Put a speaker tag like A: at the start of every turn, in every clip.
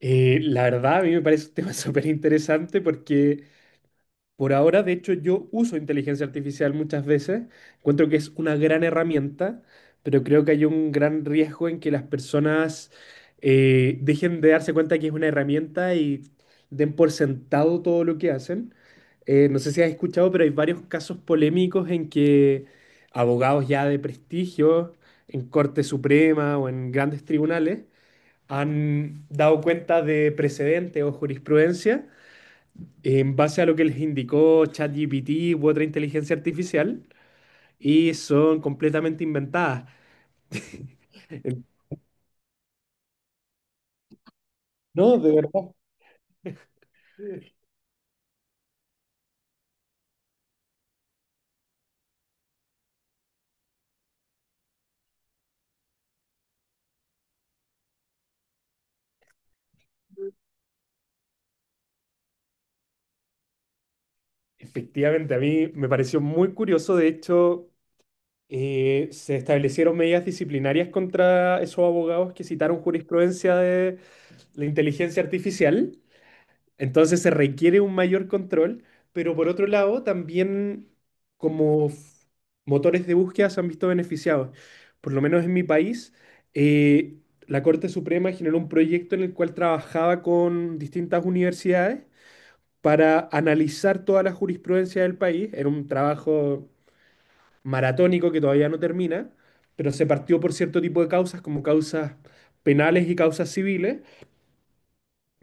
A: La verdad, a mí me parece un tema súper interesante porque por ahora, de hecho, yo uso inteligencia artificial muchas veces. Encuentro que es una gran herramienta, pero creo que hay un gran riesgo en que las personas dejen de darse cuenta que es una herramienta y den por sentado todo lo que hacen. No sé si has escuchado, pero hay varios casos polémicos en que abogados ya de prestigio en Corte Suprema o en grandes tribunales han dado cuenta de precedentes o jurisprudencia en base a lo que les indicó ChatGPT u otra inteligencia artificial y son completamente inventadas. Eh, No, de verdad. Efectivamente, a mí me pareció muy curioso. De hecho, se establecieron medidas disciplinarias contra esos abogados que citaron jurisprudencia de la inteligencia artificial. Entonces se requiere un mayor control, pero por otro lado también como f- motores de búsqueda se han visto beneficiados. Por lo menos en mi país, eh, la Corte Suprema generó un proyecto en el cual trabajaba con distintas universidades para analizar toda la jurisprudencia del país. Era un trabajo maratónico que todavía no termina, pero se partió por cierto tipo de causas como causas penales y causas civiles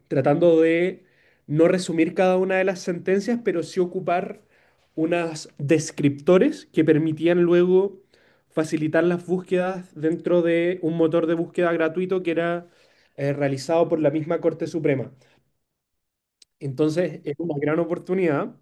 A: tratando de no resumir cada una de las sentencias, pero sí ocupar unas descriptores que permitían luego facilitar las búsquedas dentro de un motor de búsqueda gratuito que era realizado por la misma Corte Suprema. Entonces, es una gran oportunidad.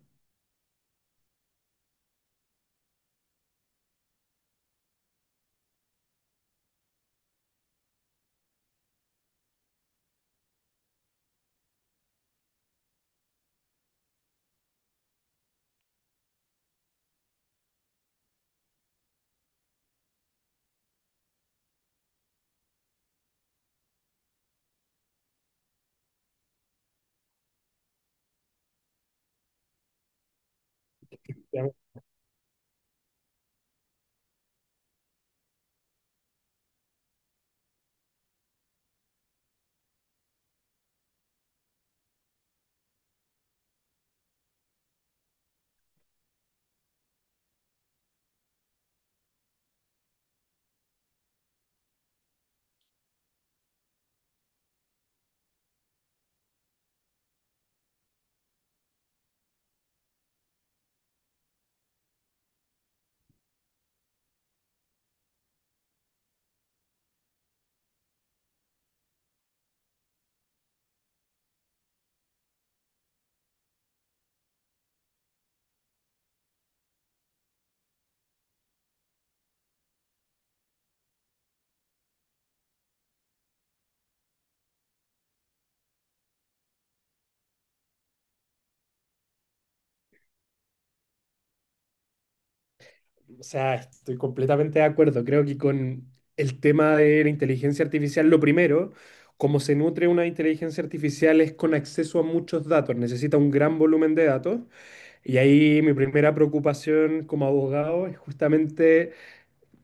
A: O sea, estoy completamente de acuerdo. Creo que con el tema de la inteligencia artificial, lo primero, como se nutre una inteligencia artificial es con acceso a muchos datos, necesita un gran volumen de datos. Y ahí mi primera preocupación como abogado es justamente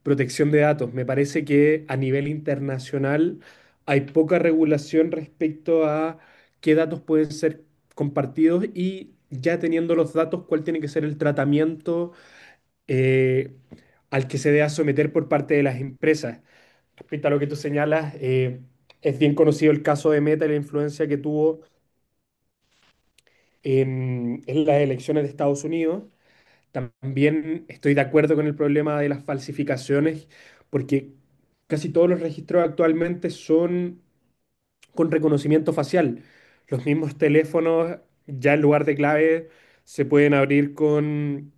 A: protección de datos. Me parece que a nivel internacional hay poca regulación respecto a qué datos pueden ser compartidos y ya teniendo los datos, cuál tiene que ser el tratamiento eh, al que se deba someter por parte de las empresas. Respecto a lo que tú señalas, es bien conocido el caso de Meta y la influencia que tuvo en las elecciones de Estados Unidos. También estoy de acuerdo con el problema de las falsificaciones, porque casi todos los registros actualmente son con reconocimiento facial. Los mismos teléfonos, ya en lugar de clave, se pueden abrir con,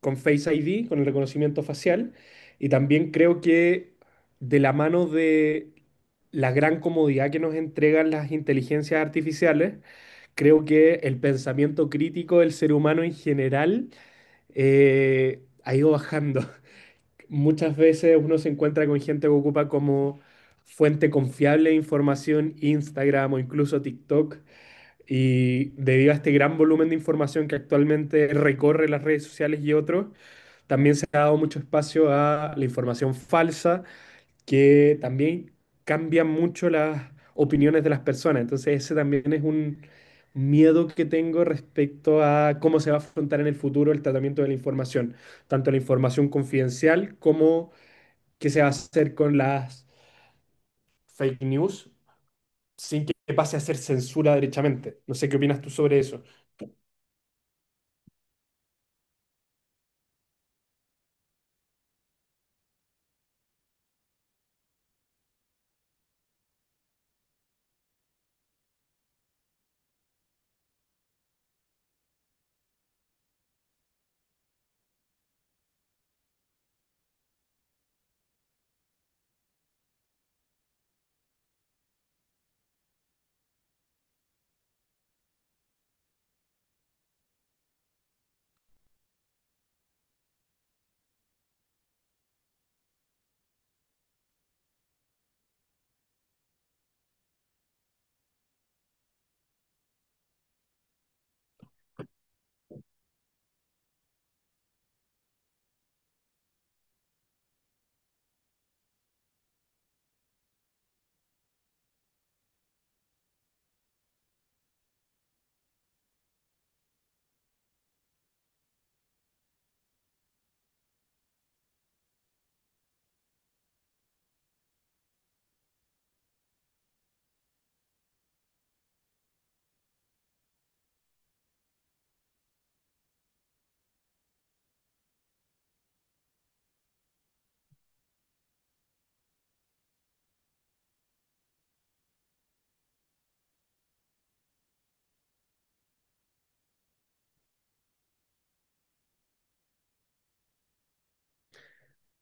A: con Face ID, con el reconocimiento facial. Y también creo que de la mano de la gran comodidad que nos entregan las inteligencias artificiales, creo que el pensamiento crítico del ser humano en general ha ido bajando. Muchas veces uno se encuentra con gente que ocupa como fuente confiable de información Instagram o incluso TikTok. Y debido a este gran volumen de información que actualmente recorre las redes sociales y otros, también se ha dado mucho espacio a la información falsa que también cambian mucho las opiniones de las personas. Entonces ese también es un miedo que tengo respecto a cómo se va a afrontar en el futuro el tratamiento de la información, tanto la información confidencial como qué se va a hacer con las fake news sin que pase a ser censura derechamente. No sé qué opinas tú sobre eso.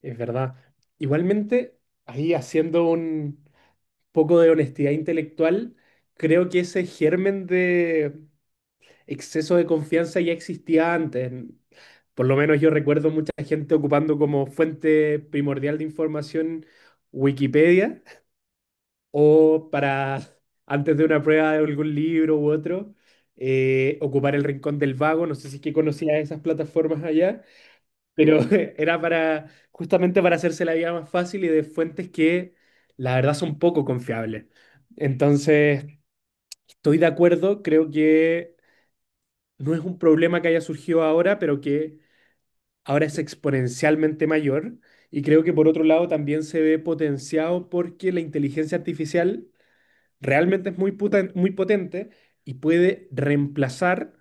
A: Es verdad. Igualmente, ahí haciendo un poco de honestidad intelectual, creo que ese germen de exceso de confianza ya existía antes. Por lo menos yo recuerdo mucha gente ocupando como fuente primordial de información Wikipedia o para antes de una prueba de algún libro u otro, ocupar el Rincón del Vago. No sé si es que conocía esas plataformas allá, pero era para justamente para hacerse la vida más fácil y de fuentes que la verdad son poco confiables. Entonces, estoy de acuerdo, creo que no es un problema que haya surgido ahora, pero que ahora es exponencialmente mayor. Y creo que por otro lado también se ve potenciado porque la inteligencia artificial realmente es muy muy potente y puede reemplazar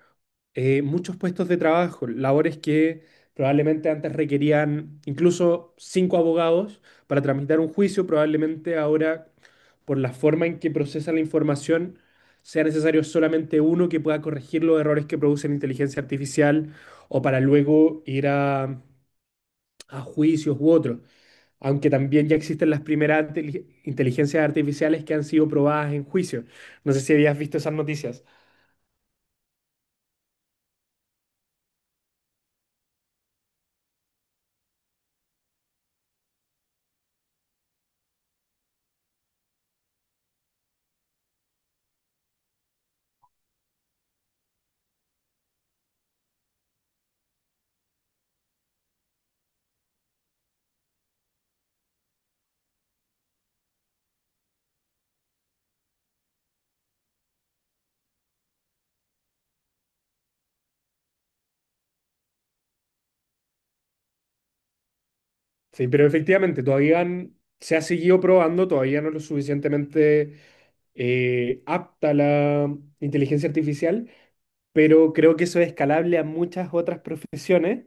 A: muchos puestos de trabajo, labores que probablemente antes requerían incluso cinco abogados para tramitar un juicio, probablemente ahora por la forma en que procesa la información sea necesario solamente uno que pueda corregir los errores que produce la inteligencia artificial o para luego ir a, juicios u otros aunque también ya existen las primeras inteligencias artificiales que han sido probadas en juicio. No sé si habías visto esas noticias. Sí, pero efectivamente, todavía se ha seguido probando, todavía no es lo suficientemente apta la inteligencia artificial, pero creo que eso es escalable a muchas otras profesiones.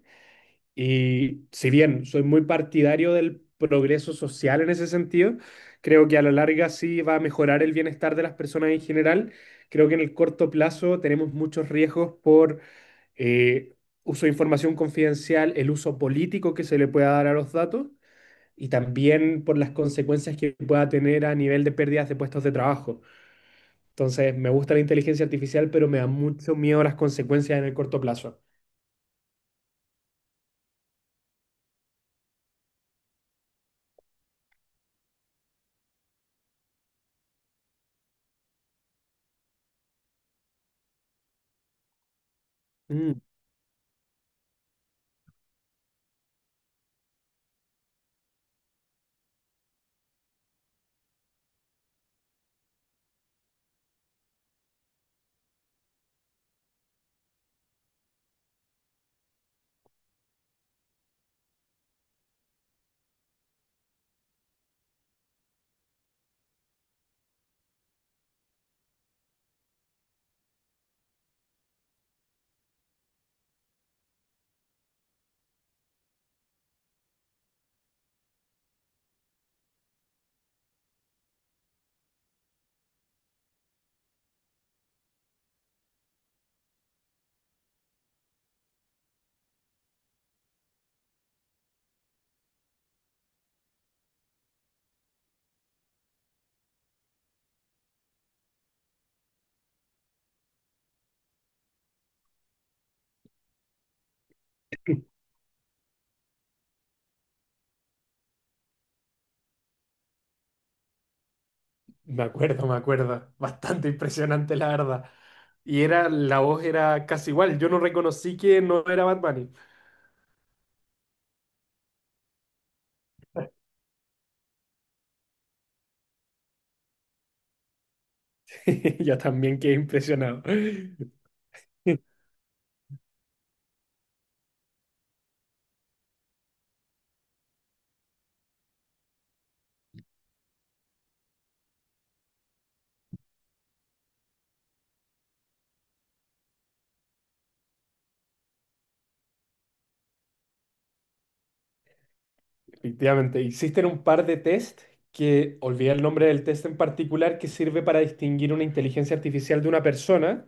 A: Y si bien soy muy partidario del progreso social en ese sentido, creo que a la larga sí va a mejorar el bienestar de las personas en general. Creo que en el corto plazo tenemos muchos riesgos por eh, uso de información confidencial, el uso político que se le pueda dar a los datos y también por las consecuencias que pueda tener a nivel de pérdidas de puestos de trabajo. Entonces, me gusta la inteligencia artificial, pero me da mucho miedo las consecuencias en el corto plazo. Me acuerdo, me acuerdo. Bastante impresionante, la verdad. Y era, la voz era casi igual. Yo no reconocí que no era Bad Bunny. Yo también quedé impresionado. Efectivamente, existen un par de test que, olvidé el nombre del test en particular, que sirve para distinguir una inteligencia artificial de una persona.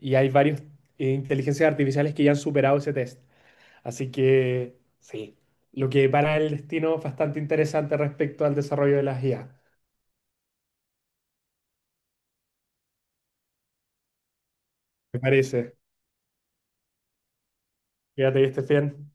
A: Y hay varios inteligencias artificiales que ya han superado ese test. Así que, sí, lo que para el destino es bastante interesante respecto al desarrollo de las IA, me parece. Fíjate, viste 100.